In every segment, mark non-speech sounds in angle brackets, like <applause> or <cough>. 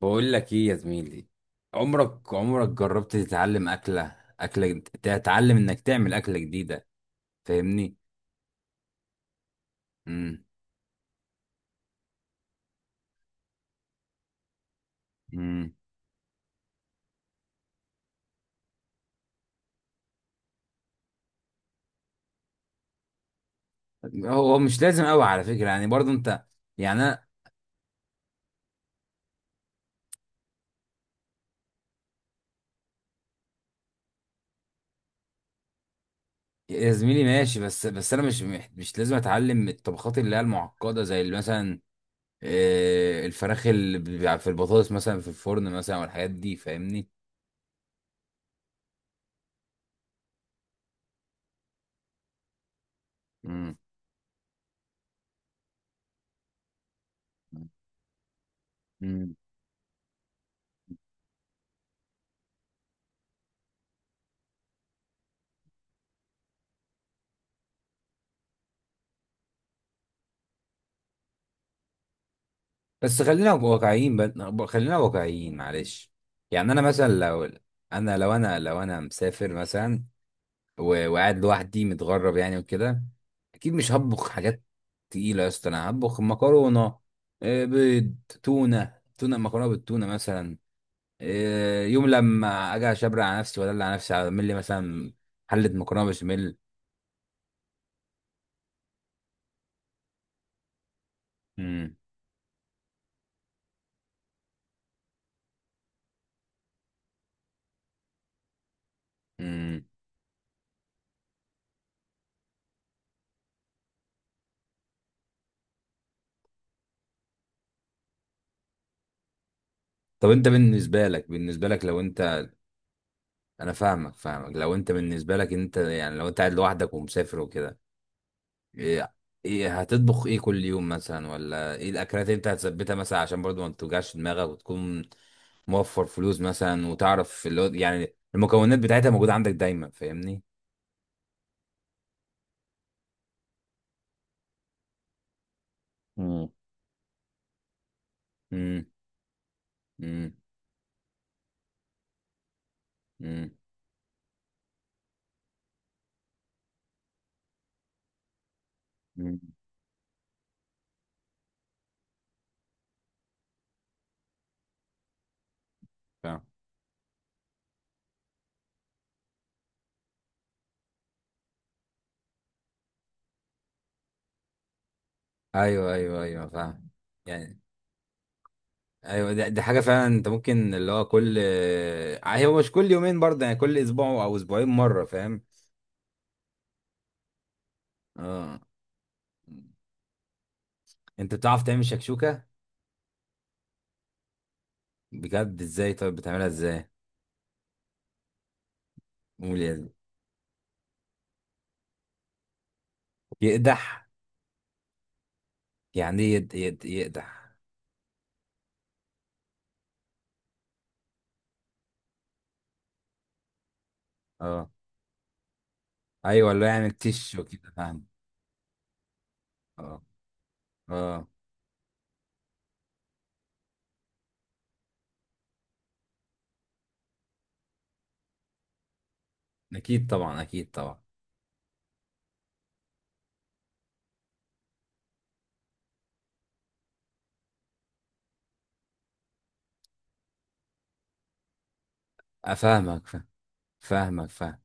بقول لك ايه يا زميلي؟ عمرك جربت تتعلم انك تعمل اكله جديده؟ فاهمني؟ امم امم هو مش لازم قوي على فكره، يعني برضو انت. يعني انا. يا زميلي ماشي، بس انا مش مش لازم اتعلم الطبخات اللي هي المعقده، زي اللي مثلا الفراخ اللي بيبقى في البطاطس مثلا، في الفرن مثلا، والحاجات دي. فاهمني؟ امم بس خلينا واقعيين، معلش. يعني انا مثلا، لو انا مسافر مثلا، وقاعد لوحدي متغرب يعني، وكده اكيد مش هطبخ حاجات تقيله يا اسطى. انا هطبخ مكرونه، بيض، تونه، مكرونه بالتونه مثلا، يوم لما اجي اشبر على نفسي، ولا على نفسي اعمل لي مثلا حله مكرونه بشاميل. مم، مم. طب انت بالنسبه لك لو انت، انا فاهمك لو انت، بالنسبه لك انت يعني، لو انت قاعد لوحدك ومسافر وكده، ايه ايه هتطبخ ايه كل يوم مثلا، ولا ايه الاكلات اللي انت هتثبتها مثلا، عشان برضو ما توجعش دماغك وتكون موفر فلوس مثلا، وتعرف اللي هو يعني المكونات بتاعتها موجوده عندك دايما، فاهمني؟ مم. امم، امم، امم، امم. فاهم. ايوه، ايوه، ايوه، فاهم. يعني ايوه، دي حاجه فعلا انت ممكن، اللي هو كل، هو مش كل يومين برضه، يعني كل اسبوع او اسبوعين مره، فاهم. اه. انت بتعرف تعمل شكشوكة؟ بجد؟ ازاي؟ طيب بتعملها ازاي؟ قول يا زلمة. يقدح؟ يعني ايه، يقدح؟ اه. ايوه، اللي هو يعني تش وكده، فاهم. اه، اه. اكيد طبعا، اكيد طبعا. افهمك، فاهم. فاهمك، فاهم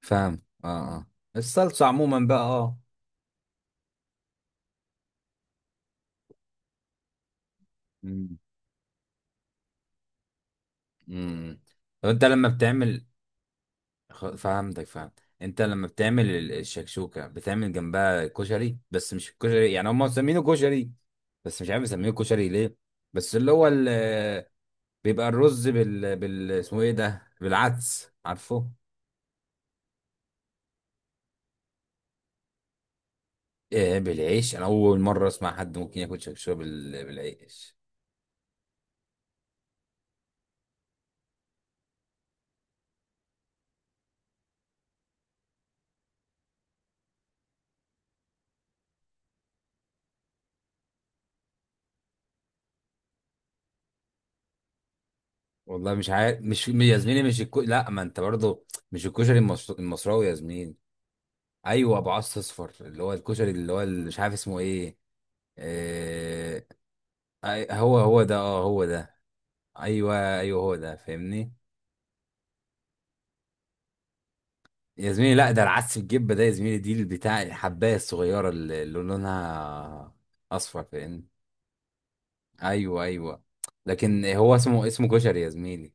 فاهم، اه، اه. الصلصة عموما بقى، اه. امم، امم. طب انت لما بتعمل، فهمتك، فهمت، انت لما بتعمل الشكشوكه بتعمل جنبها كشري، بس مش الكشري يعني، هم مسمينه كشري، بس مش عارف يسميه كشري ليه، بس اللي هو بيبقى الرز بال بال اسمه ايه ده، بالعدس، عارفه؟ ايه، بالعيش؟ انا اول مره اسمع حد ممكن ياكل شكشوكه بالعيش. والله مش عارف، مش يا زميلي، مش لا، ما انت برضه، مش الكشري المصراوي يا زميلي. ايوه، ابو عص اصفر، اللي هو الكشري، اللي هو مش عارف اسمه ايه. آه، هو ده، اه، هو ده. ايوه، ايوه، هو ده، فاهمني. يا زميلي لا، ده العدس الجبه ده يا زميلي، دي بتاع الحبايه الصغيره اللي لونها اصفر، فاهمني. ايوه، ايوه، لكن هو اسمه كشري يا زميلي.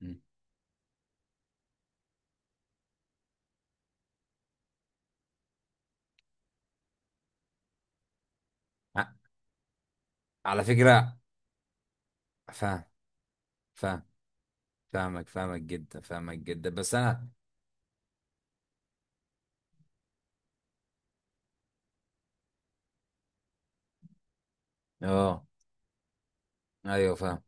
مم. ع- على فكره. فاهم فاهم، فاهمك جدا، فاهمك جدا، بس انا، اه، ايوه، فاهم.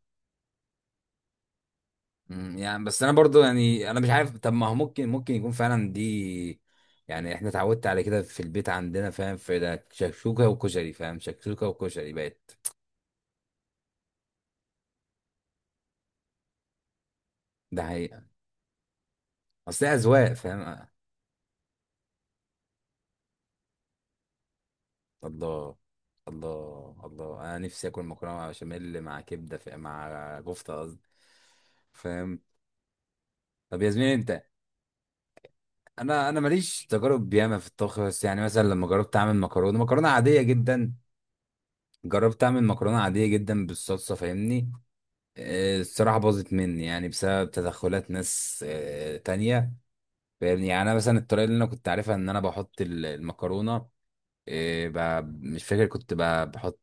مم، يعني بس انا برضو، يعني انا مش عارف، طب ما هو ممكن يكون فعلا دي. يعني احنا اتعودت على كده في البيت عندنا، فاهم، في ده شكشوكه وكشري، فاهم، شكشوكه وكشري بقت. ده حقيقه. اصل هي اذواق، فاهم. الله، الله، الله، انا نفسي اكل مكرونه بشاميل مع كبده، في، مع كفته قصدي، فاهم. طب يا زميلي انت، انا ماليش تجارب ياما في الطبخ، بس يعني مثلا لما جربت اعمل مكرونه عاديه جدا، جربت اعمل مكرونه عاديه جدا بالصلصه، فاهمني. الصراحة باظت مني، يعني بسبب تدخلات ناس تانية، فاهمني. يعني أنا مثلا، الطريقة اللي أنا كنت عارفها، إن أنا بحط المكرونة، مش فاكر، كنت بحط،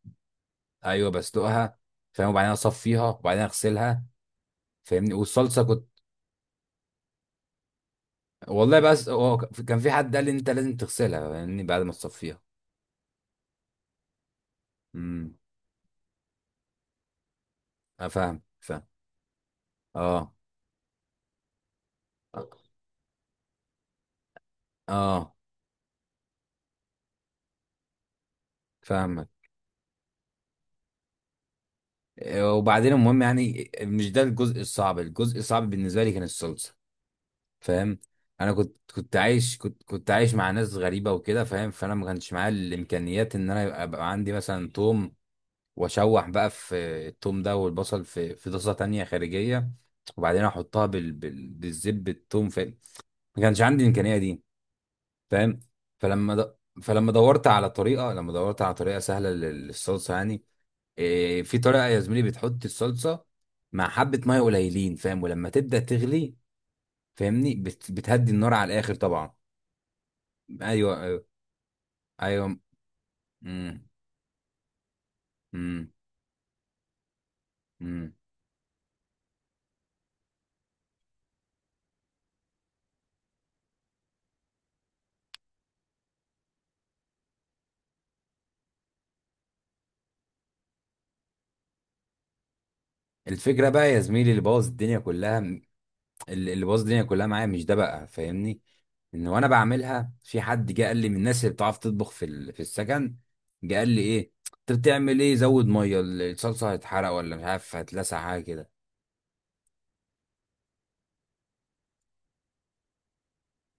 أيوه بسلقها، فاهم، وبعدين أصفيها وبعدين أغسلها، فاهمني، والصلصة كنت، والله بس هو كان في حد قال لي أنت لازم تغسلها، فاهمني، بعد ما تصفيها. امم. أنا فاهم، أه، أه، فاهمك. وبعدين المهم، يعني مش ده الجزء الصعب، الجزء الصعب بالنسبة لي كان الصلصة، فاهم. انا كنت عايش مع ناس غريبه وكده، فاهم، فانا ما كانش معايا الامكانيات ان انا يبقى عندي مثلا توم، واشوح بقى في التوم ده، والبصل في طاسه تانية خارجيه، وبعدين احطها بالزب التوم، فاهم. ما كانش عندي الامكانيه دي، فاهم. فلما د... فلما دورت على طريقه لما دورت على طريقه سهله للصلصه يعني، في طريقه يا زميلي، بتحط الصلصه مع حبه ميه قليلين، فاهم، ولما تبدا تغلي، فاهمني، بتهدي النار على الاخر طبعا. ايوه، ايوه، ايوه. امم، امم، امم. الفكره بقى يا زميلي، اللي بوظ الدنيا كلها، اللي بوظ الدنيا كلها معايا، مش ده بقى، فاهمني؟ ان وانا بعملها، في حد جه قال لي من الناس اللي بتعرف تطبخ في في السكن، جه قال لي ايه، انت بتعمل ايه، زود ميه، الصلصه هتحرق، ولا مش عارف هتلسع، حاجه كده.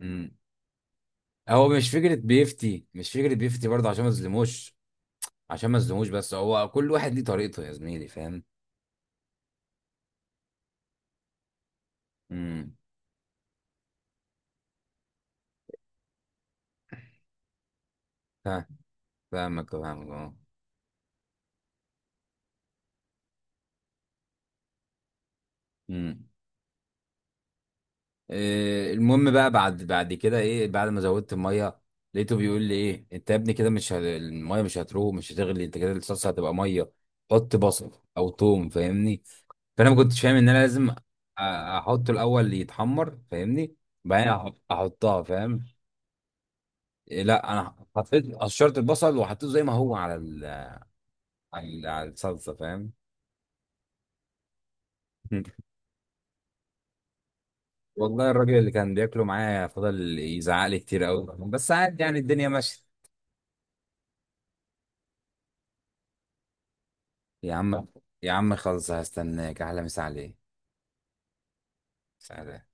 امم. هو مش فكره بيفتي برضه عشان ما اظلموش، بس هو كل واحد ليه طريقته يا زميلي، فاهم. امم. فاهم- فاهمك، اه. امم. المهم بقى، بعد كده ايه بعد ما زودت الميه، لقيته بيقول لي ايه، انت يا ابني كده مش الميه مش هتروح مش هتغلي، انت كده الصلصه هتبقى ميه، حط بصل او توم، فاهمني. فانا ما كنتش فاهم ان انا لازم احطه الاول يتحمر، فاهمني، بعدين احطها، فاهم. لا انا حطيت، قشرت البصل وحطيته زي ما هو على الصلصه، فاهم. <laughs> والله الراجل اللي كان بياكله معايا فضل يزعق لي كتير قوي، بس عادي يعني، الدنيا ماشيه. يا عم يا عم خلص، هستناك، احلى مسا عليك. سلام.